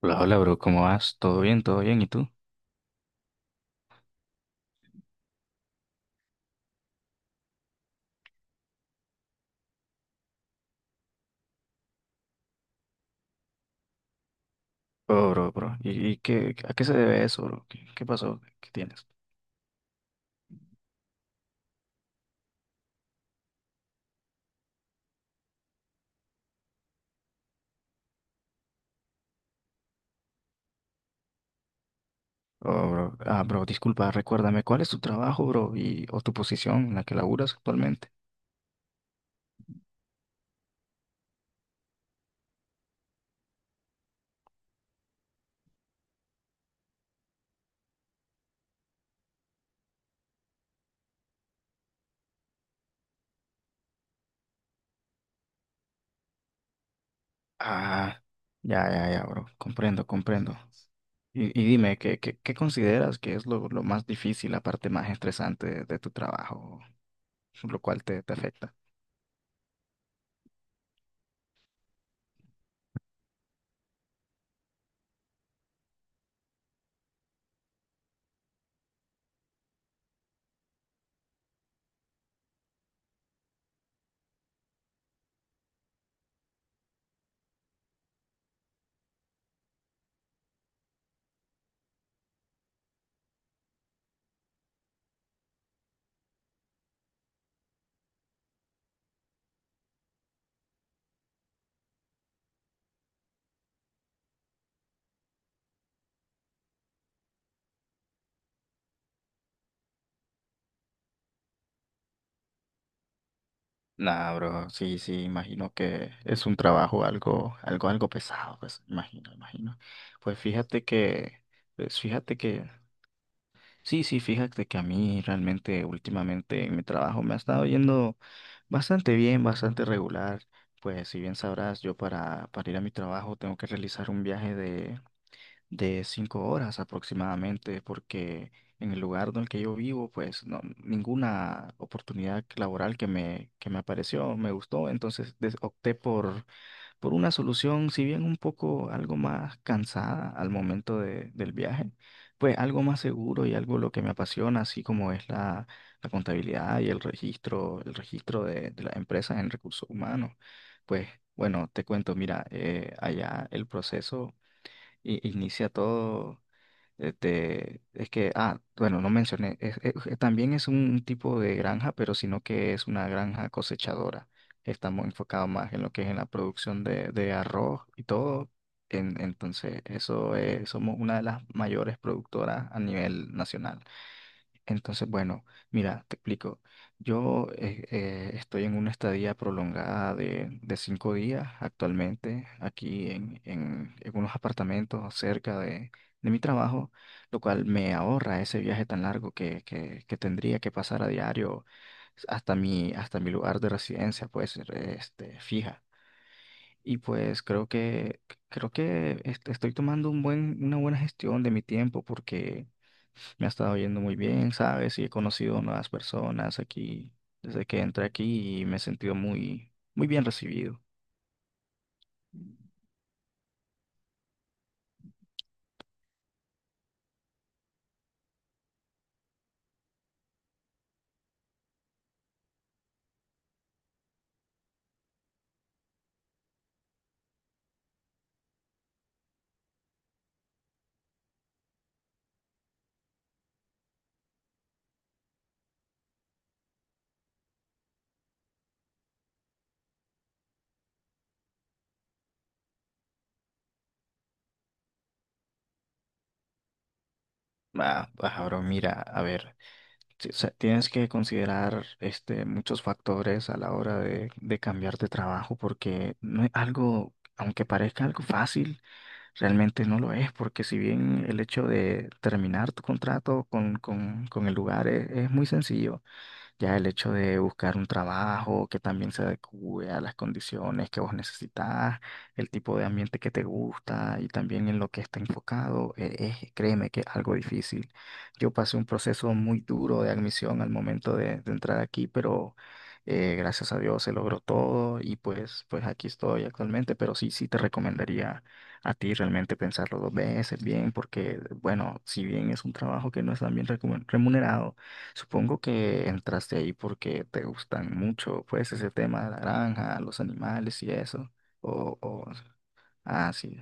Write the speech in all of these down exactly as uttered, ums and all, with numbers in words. Hola, hola, bro, ¿cómo vas? ¿Todo bien? ¿Todo bien? ¿Y tú? Oh, bro, bro. ¿Y, y qué, a qué se debe eso, bro? ¿Qué, qué pasó? ¿Qué tienes? Oh, bro. Ah, bro, disculpa, recuérdame, ¿cuál es tu trabajo, bro? Y, o tu posición en la que laburas actualmente. Ah, ya, ya, ya, bro. Comprendo, comprendo. Y, y dime, ¿qué, qué, qué consideras que es lo, lo más difícil, la parte más estresante de, de tu trabajo, lo cual te, te afecta? Nah, bro, sí, sí, imagino que es un trabajo algo, algo, algo pesado, pues, imagino, imagino. Pues fíjate que, pues fíjate que, sí, sí, fíjate que a mí realmente últimamente en mi trabajo me ha estado yendo bastante bien, bastante regular. Pues si bien sabrás, yo para, para ir a mi trabajo tengo que realizar un viaje de cinco horas aproximadamente, porque en el lugar en el que yo vivo, pues no, ninguna oportunidad laboral que me, que me apareció me gustó, entonces des- opté por, por una solución, si bien un poco algo más cansada al momento de- del viaje, pues algo más seguro y algo lo que me apasiona, así como es la, la contabilidad y el registro, el registro de, de las empresas en recursos humanos. Pues bueno, te cuento, mira, eh, allá el proceso i- inicia todo. Este, es que, ah, bueno, no mencioné, es- es- es- también es un tipo de granja, pero sino que es una granja cosechadora. Estamos enfocados más en lo que es en la producción de, de arroz y todo. En- entonces, eso es, somos una de las mayores productoras a nivel nacional. Entonces, bueno, mira, te explico. Yo eh, eh, estoy en una estadía prolongada de, de cinco días actualmente aquí en, en, en unos apartamentos cerca de, de mi trabajo, lo cual me ahorra ese viaje tan largo que, que, que tendría que pasar a diario hasta mi, hasta mi lugar de residencia, pues, este, fija. Y pues creo que, creo que este, estoy tomando un buen, una buena gestión de mi tiempo porque... Me ha estado yendo muy bien, ¿sabes? Y he conocido nuevas personas aquí desde que entré aquí y me he sentido muy, muy bien recibido. Ah, ah, bro, mira, a ver, si- o sea, tienes que considerar este, muchos factores a la hora de, de cambiar de trabajo porque no es algo, aunque parezca algo fácil, realmente no lo es, porque si bien el hecho de terminar tu contrato con, con, con el lugar es es muy sencillo. Ya el hecho de buscar un trabajo que también se adecue a las condiciones que vos necesitas, el tipo de ambiente que te gusta y también en lo que está enfocado, eh, es, créeme que es algo difícil. Yo pasé un proceso muy duro de admisión al momento de, de entrar aquí, pero eh, gracias a Dios se logró todo y pues, pues aquí estoy actualmente, pero sí, sí te recomendaría a ti realmente pensarlo dos veces bien, porque bueno, si bien es un trabajo que no es tan bien recu- remunerado, supongo que entraste ahí porque te gustan mucho, pues, ese tema de la granja, los animales y eso. O, o, ah, sí.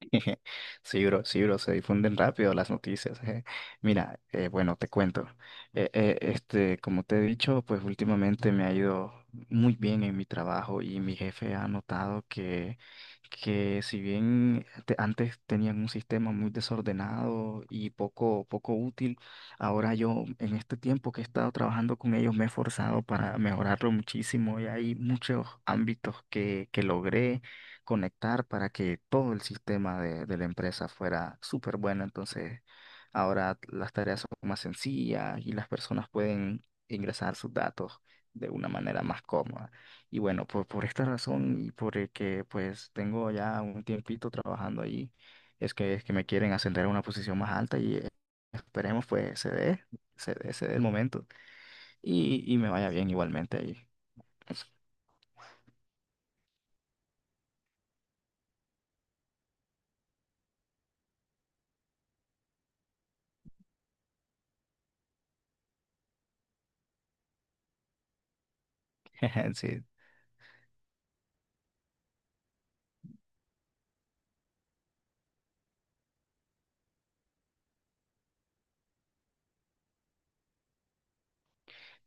Sí, bro, sí, bro, se difunden rápido las noticias. eh. Mira, eh, bueno, te cuento. Eh, eh, este, como te he dicho, pues últimamente me ha ido muy bien en mi trabajo y mi jefe ha notado que, que si bien te- antes tenían un sistema muy desordenado y poco, poco útil, ahora yo en este tiempo que he estado trabajando con ellos me he esforzado para mejorarlo muchísimo y hay muchos ámbitos que, que logré conectar para que todo el sistema de, de la empresa fuera súper bueno. Entonces, ahora las tareas son más sencillas y las personas pueden ingresar sus datos de una manera más cómoda. Y bueno, por, por esta razón y por el que pues tengo ya un tiempito trabajando ahí, es que, es que me quieren ascender a una posición más alta y eh, esperemos pues se dé, se dé, se dé el momento y, y me vaya bien igualmente ahí. Sí,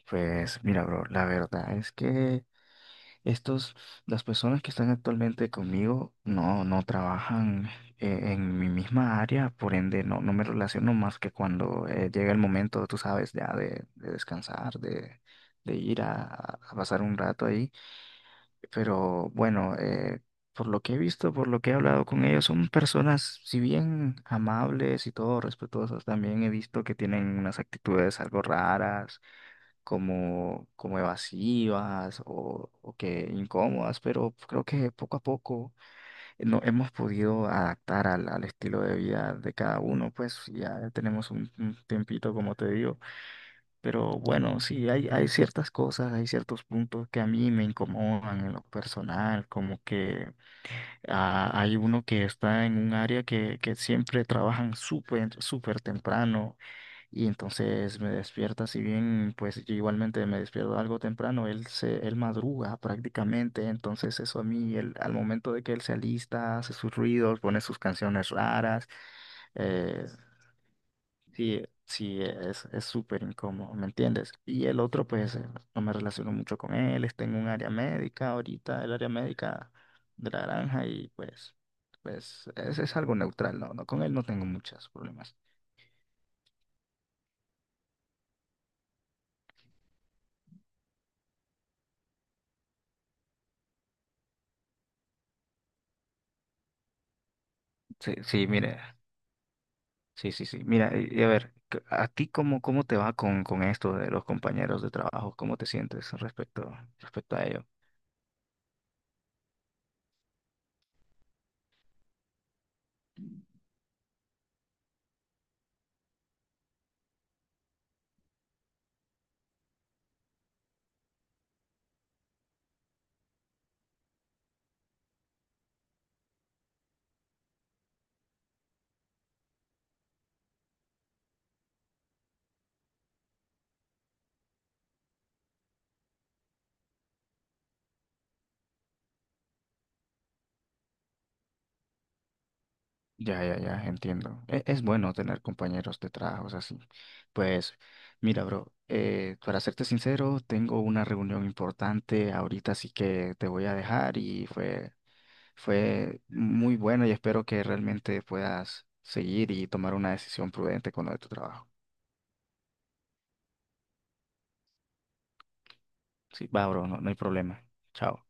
pues mira, bro, la verdad es que... Estos, las personas que están actualmente conmigo no, no trabajan eh, en mi misma área, por ende no, no me relaciono más que cuando eh, llega el momento, tú sabes, ya de, de descansar, de, de ir a, a pasar un rato ahí. Pero bueno, eh, por lo que he visto, por lo que he hablado con ellos, son personas, si bien amables y todo, respetuosas, también he visto que tienen unas actitudes algo raras como, como evasivas o, o que incómodas, pero creo que poco a poco eh, no hemos podido adaptar al, al estilo de vida de cada uno, pues ya tenemos un, un tiempito, como te digo, pero bueno, sí, hay, hay ciertas cosas, hay ciertos puntos que a mí me incomodan en lo personal, como que ah, hay uno que está en un área que, que siempre trabajan súper, súper temprano y entonces me despierta, si bien pues yo igualmente me despierto algo temprano, él se, él madruga prácticamente, entonces eso a mí, él- al momento de que él se alista, hace sus ruidos, pone sus canciones raras, eh, sí, sí, es, es súper incómodo, ¿me entiendes? Y el otro pues eh, no me relaciono mucho con él, está en un área médica ahorita, el área médica de la granja y pues, pues es, es algo neutral, no, no, con él no tengo muchos problemas. Sí, sí, mire. Sí, sí, sí. Mira, y- y a ver, c- ¿a ti cómo, cómo te va con, con esto de los compañeros de trabajo? ¿Cómo te sientes respecto, respecto a ello? Ya, ya, ya, entiendo. E- Es, bueno tener compañeros de trabajo así. Pues, mira, bro, eh, para serte sincero, tengo una reunión importante ahorita, así que te voy a dejar y fue, fue muy bueno y espero que realmente puedas seguir y tomar una decisión prudente con lo de tu trabajo. Sí, va, bro, no, no hay problema. Chao.